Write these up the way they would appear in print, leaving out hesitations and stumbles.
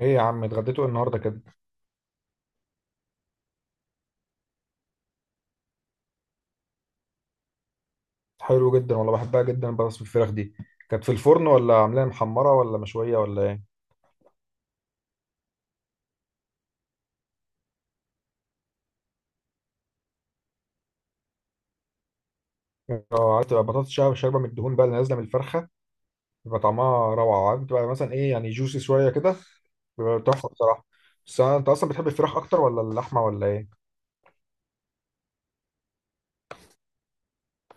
ايه يا عم، اتغديتوا إيه النهارده كده؟ حلو جدا والله، بحبها جدا بطاطس بالفراخ دي. كانت في الفرن ولا عاملاها محمره ولا مشويه ولا ايه؟ اه عارف، تبقى بطاطس شاربه من الدهون بقى، اللي نازله من الفرخه. بيبقى طعمها روعه، عارف بتبقى مثلا ايه يعني، جوسي شويه كده. بيبقى تحفه بصراحه. بس انت اصلا بتحب الفراخ اكتر ولا اللحمه ولا ايه؟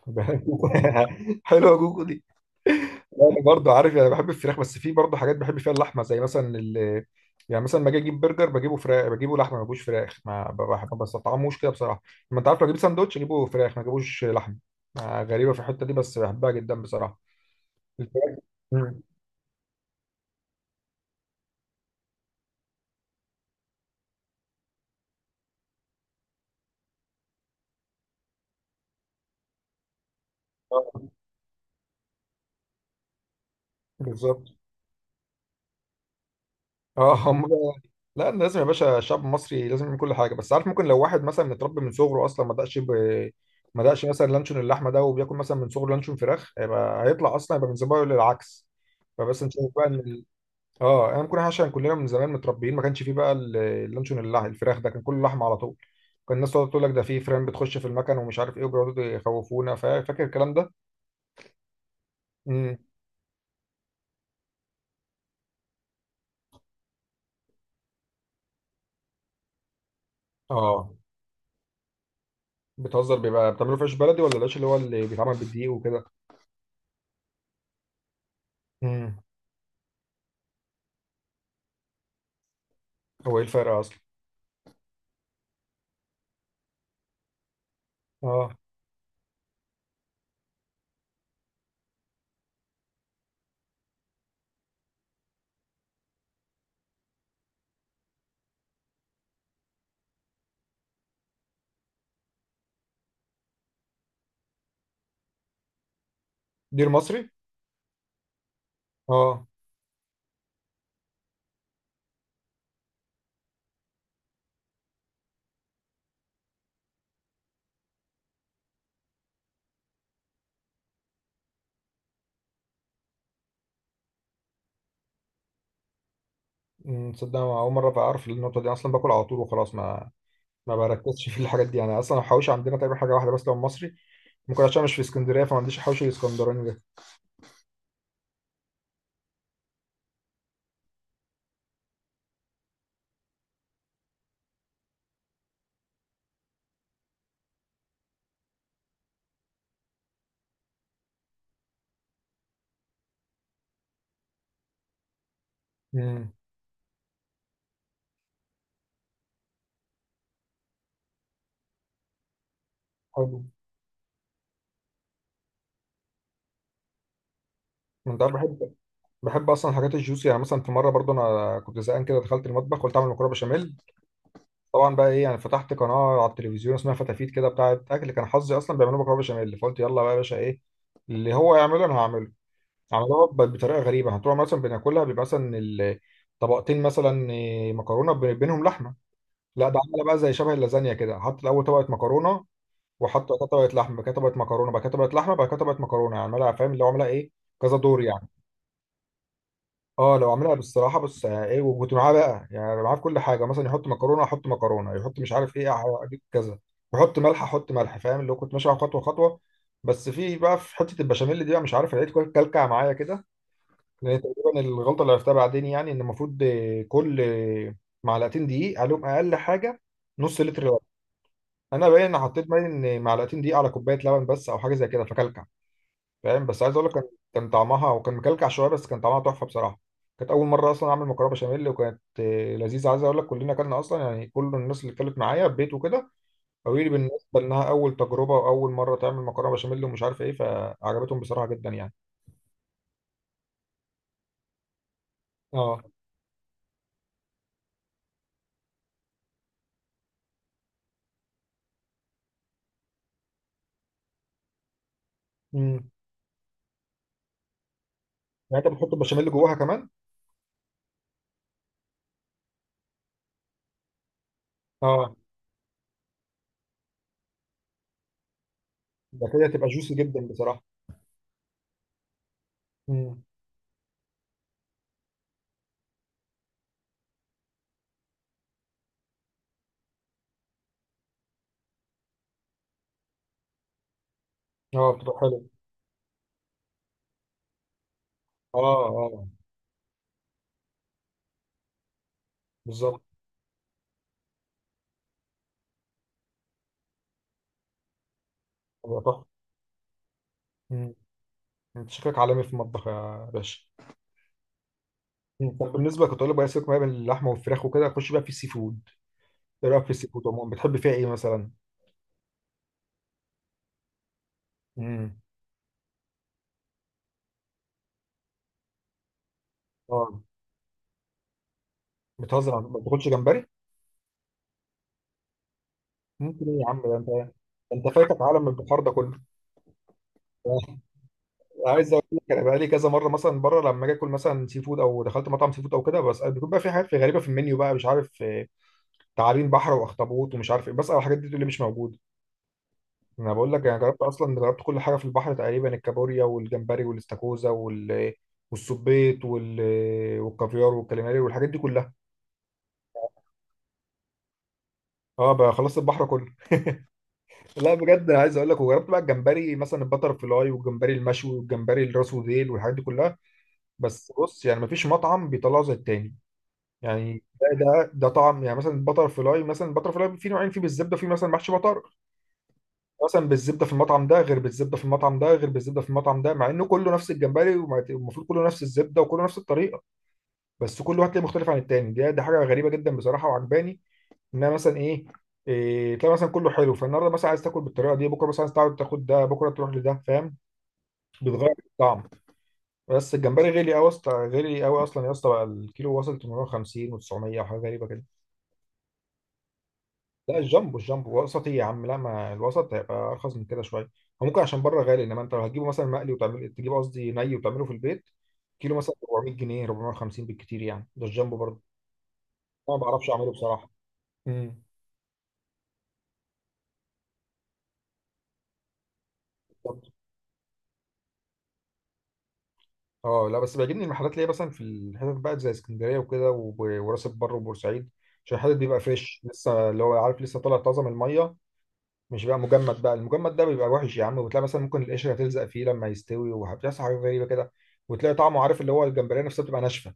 حلوه جوكو دي. انا برضه عارف، يعني بحب الفراخ، بس في برضه حاجات بحب فيها اللحمه، زي مثلا ال-، يعني مثلا لما اجي اجيب برجر بجيبه فراخ، بجيبه لحمه ما بجيبوش فراخ ما ب- بح- ما بستطعموش كده بصراحه. ما انت عارف، لو اجيب ساندوتش اجيبه فراخ، ما اجيبوش لحمه. غريبه في الحته دي بس بحبها جدا بصراحه. الفراخ. مم. بالظبط. اه هم. لا، لازم يا باشا، الشعب المصري لازم يعمل كل حاجه. بس عارف، ممكن لو واحد مثلا متربي من صغره اصلا ما دقش ما دقش مثلا لانشون اللحمه ده، وبياكل مثلا من صغره لانشون فراخ، هيبقى هيطلع اصلا يبقى من زمان للعكس. فبس نشوف بقى ان ال-. اه انا ممكن عشان كلنا من زمان متربيين، ما كانش فيه بقى ال-، الفراخ ده، كان كله لحمه على طول. كان الناس تقعد تقول لك ده فيه فران بتخش في المكن ومش عارف ايه، وبيقعدوا يخوفونا، فاكر الكلام ده؟ امم. اه. بتهزر، بيبقى بتعملوه في عيش بلدي ولا العيش اللي هو اللي بيتعمل بالدقيق وكده؟ امم. هو ايه الفرق اصلا؟ اه. دير مصري. اه. تصدق أنا اول مره اعرف النقطه دي اصلا، باكل على طول وخلاص، ما ما بركزش في الحاجات دي. يعني اصلا الحواوشي عندنا تقريبا حاجه واحده بس، لو مصري ممكن، عشان مش في اسكندريه فما عنديش الحوش الاسكندراني ده. امم. حلو. انت عارف، بحب، بحب اصلا الحاجات الجوسي. يعني مثلا في مره برضو انا كنت زهقان كده، دخلت المطبخ قلت اعمل مكرونه بشاميل. طبعا بقى ايه يعني، فتحت قناه على التلفزيون اسمها فتافيت كده بتاعه اكل، كان حظي اصلا بيعملوا مكرونه بشاميل، فقلت يلا بقى يا باشا، ايه اللي هو يعمله انا هعمله. عملوها بطريقه غريبه. هتروح مثلا بناكلها بيبقى مثلا ال-، طبقتين مثلا مكرونه بينهم لحمه. لا، ده عملها بقى زي شبه اللازانيا كده، حط الاول طبقه مكرونه، وحط وقتها طبقه لحمه، بعد كده طبقه مكرونه، بعد كده طبقه لحمه، بعد كده طبقه مكرونه. يعني عملها، فاهم اللي هو عملها ايه، كذا دور يعني. اه، لو عملها بالصراحه بس، ايه، وكنت معاه بقى، يعني معاه في كل حاجه. مثلا يحط مكرونه احط مكرونه، يحط مش عارف ايه اجيب كذا، يحط ملح احط ملح. فاهم اللي هو كنت ماشي على خطوه خطوه. بس في بقى، في حته البشاميل دي بقى مش عارف، لقيت كلكع معايا كده. لان تقريبا الغلطه اللي عرفتها بعدين، يعني ان المفروض آه، كل آه، معلقتين دقيق عليهم اقل حاجه، نص لتر لبن. انا باين ان حطيت، باين ان معلقتين دقيق على كوبايه لبن بس، او حاجه زي كده، فكلكع. فاهم، بس عايز اقول لك كان، كان طعمها، وكان مكلكع شويه، بس كان طعمها تحفه بصراحه. كانت اول مره اصلا اعمل مكرونه بشاميل، وكانت لذيذه. عايز اقول لك كلنا اكلنا اصلا، يعني كل الناس اللي اتكلمت معايا في بيت وكده قالوا لي بالنسبه انها اول تجربه واول مره تعمل مكرونه بشاميل ومش عارف ايه، فعجبتهم بصراحه جدا يعني. اه. امم. يعني انت بتحط البشاميل جواها كمان. اه. ده كده تبقى جوسي جدا بصراحة. مم. اه بتبقى حلو. اه اه. بالظبط. بتبقى تحفة. مم. انت شكلك عالمي في المطبخ يا باشا. مم. طب بالنسبة، كنت اقول لك بقى، سيبك بقى من اللحمة والفراخ وكده، خش بقى في السي فود. ايه رأيك في السي فود عموما، بتحب فيها ايه مثلا؟ مم. اه. بتهزر، ما بتاكلش جمبري؟ ممكن ايه يا عم، ده انت ده، انت فايتك عالم البحار ده كله. عايز اقول لك انا بقى لي كذا مره مثلا بره، لما اجي اكل مثلا سي فود، او دخلت مطعم سي فود او كده، بس بيكون بقى في حاجات في غريبه في المنيو بقى مش عارف، تعابين بحر واخطبوط ومش عارف ايه، بسأل على الحاجات دي تقول لي مش موجوده. انا بقول لك، انا جربت اصلا، جربت كل حاجه في البحر تقريبا، الكابوريا والجمبري والاستاكوزا وال-، والسبيط وال...، والكافيار والكاليماري، والحاجات دي كلها. اه بقى، خلصت البحر كله. لا بجد، انا عايز اقول لك، وجربت بقى الجمبري مثلا، البتر فلاي والجمبري المشوي والجمبري الراس وديل والحاجات دي كلها. بس بص، يعني مفيش مطعم بيطلعه زي التاني. يعني ده طعم. يعني مثلا البتر فلاي، مثلا البتر فلاي في نوعين، في بالزبده، وفي مثلا محشي بطار. مثلا بالزبده في المطعم ده غير بالزبده في المطعم ده غير بالزبده في المطعم ده، مع انه كله نفس الجمبري والمفروض كله نفس الزبده وكله نفس الطريقه. بس كل واحد تلاقيه مختلف عن التاني. دي حاجه غريبه جدا بصراحه وعجباني، انها مثلا ايه. إيه، تلاقي مثلا كله حلو، فالنهارده مثلا عايز تاكل بالطريقه دي، بكره مثلا عايز تقعد تاخد ده، بكره تروح لده، فاهم، بتغير الطعم. بس الجمبري غالي قوي يا اسطى، غالي قوي اصلا يا اسطى. بقى الكيلو وصل 850 و900 وحاجه غريبه كده. لا الجامبو، وسطي يا عم. لا، ما الوسط هيبقى ارخص من كده شويه. هو ممكن عشان بره غالي، انما انت لو هتجيبه مثلا مقلي وتعمل، تجيبه قصدي ني وتعمله في البيت، كيلو مثلا 400 جنيه، 450 بالكتير يعني، ده الجامبو برضه. انا ما بعرفش اعمله بصراحه. امم. بالظبط. اه لا، بس بيعجبني المحلات اللي هي مثلا في الحتت بقى، زي اسكندريه وكده وب- وراس البر وبورسعيد، عشان الحتت بيبقى فريش لسه، اللي هو عارف لسه طالع طازه من الميه، مش بقى مجمد. بقى المجمد ده بيبقى وحش يا عم، وبتلاقي مثلا ممكن القشره تلزق فيه لما يستوي، وبتحصل حاجات غريبه كده، وتلاقي طعمه عارف، اللي هو الجمبريه نفسها بتبقى ناشفه.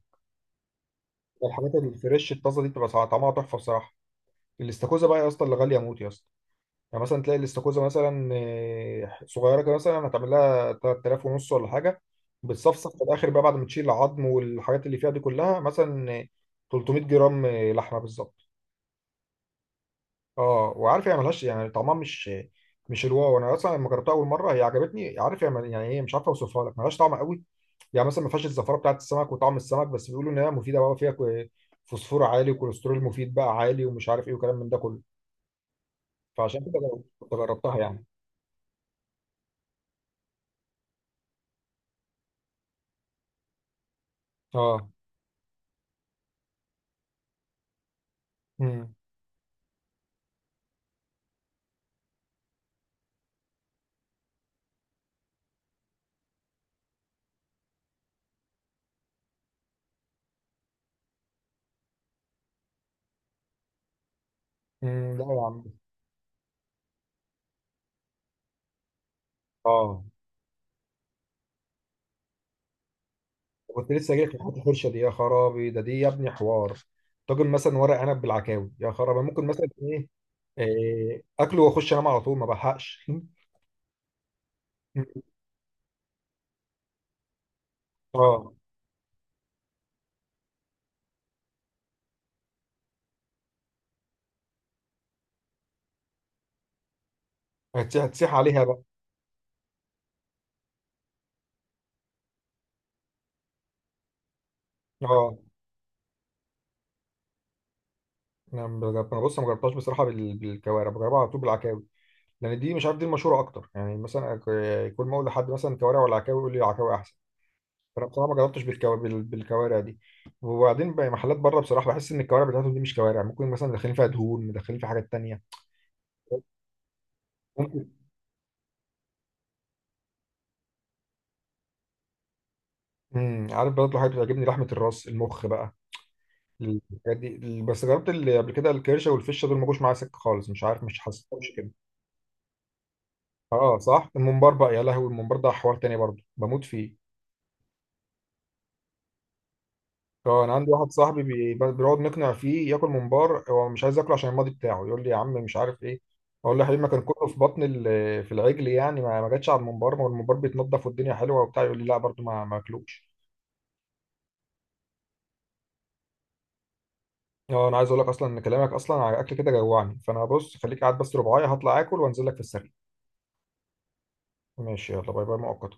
الحاجات الفريش الطازه دي بتبقى طعمها تحفه بصراحه. الاستاكوزا بقى يا اسطى، اللي غاليه موت يا اسطى. يعني مثلا تلاقي الاستاكوزا مثلا صغيره كده، مثلا هتعمل لها 3000 ونص ولا حاجه. بتصفصف في الاخر بقى، بعد ما تشيل العظم والحاجات اللي فيها دي كلها، مثلا 300 جرام لحمه بالظبط. اه. وعارف هي ملهاش يعني، طعمها مش، مش الواو. انا اصلا لما جربتها اول مره هي عجبتني، عارف، هي يعني ايه، مش عارف اوصفها لك، ملهاش طعم قوي. يعني مثلا ما فيهاش الزفاره بتاعت السمك وطعم السمك، بس بيقولوا ان هي مفيده بقى، فيها فوسفور عالي، وكوليسترول مفيد بقى عالي، ومش عارف ايه وكلام من ده كله، فعشان كده كنت جربتها يعني. اه. امم. امم. لا يا عم. اه. كنت لسه جاي في حته الحرشه دي، يا خرابي، ده دي يا ابني حوار! طاجن مثلا ورق عنب بالعكاوي، يا خرابي! ممكن مثلا ايه، إيه، اكله واخش انام على طول، ما بلحقش. اه. هتسيح هتسيح عليها بقى. اه. انا بص، ما جربتهاش بصراحه بالكوارع، بجربها على طول بالعكاوي، لان دي مش عارف، دي المشهوره اكتر. يعني مثلا كل ما اقول لحد مثلا كوارع ولا عكاوي، يقول لي عكاوي احسن. فانا بصراحه ما جربتش بالكوارع دي. وبعدين بقى، محلات بره بصراحه بحس ان الكوارع بتاعتهم دي مش كوارع، ممكن مثلا مدخلين فيها دهون، مدخلين فيها حاجات تانيه. ممكن. امم. عارف، برضه حاجات بتعجبني، لحمه الراس، المخ بقى، الحاجات دي. بس جربت اللي قبل كده الكرشه والفشه، دول ما جوش معايا سكه خالص، مش عارف، مش حاسس. اه صح، الممبار بقى، يا لهوي، الممبار ده حوار تاني برضه، بموت فيه. اه، انا عندي واحد صاحبي بيقعد نقنع فيه ياكل ممبار، هو مش عايز ياكله عشان الماضي بتاعه، يقول لي يا عم مش عارف ايه. اقول له يا حبيبي، ما كان كله في بطن ال-، في العجل يعني، ما جاتش على الممبار، ما هو الممبار بيتنضف والدنيا حلوه وبتاع. يقول لي لا برضه ما اكلوش. اه، انا عايز اقول لك اصلا ان كلامك اصلا على الاكل كده جوعني. فانا بص، خليك قاعد بس ربعايه، هطلع اكل وانزل لك في السريع. ماشي، يلا باي باي مؤقتا.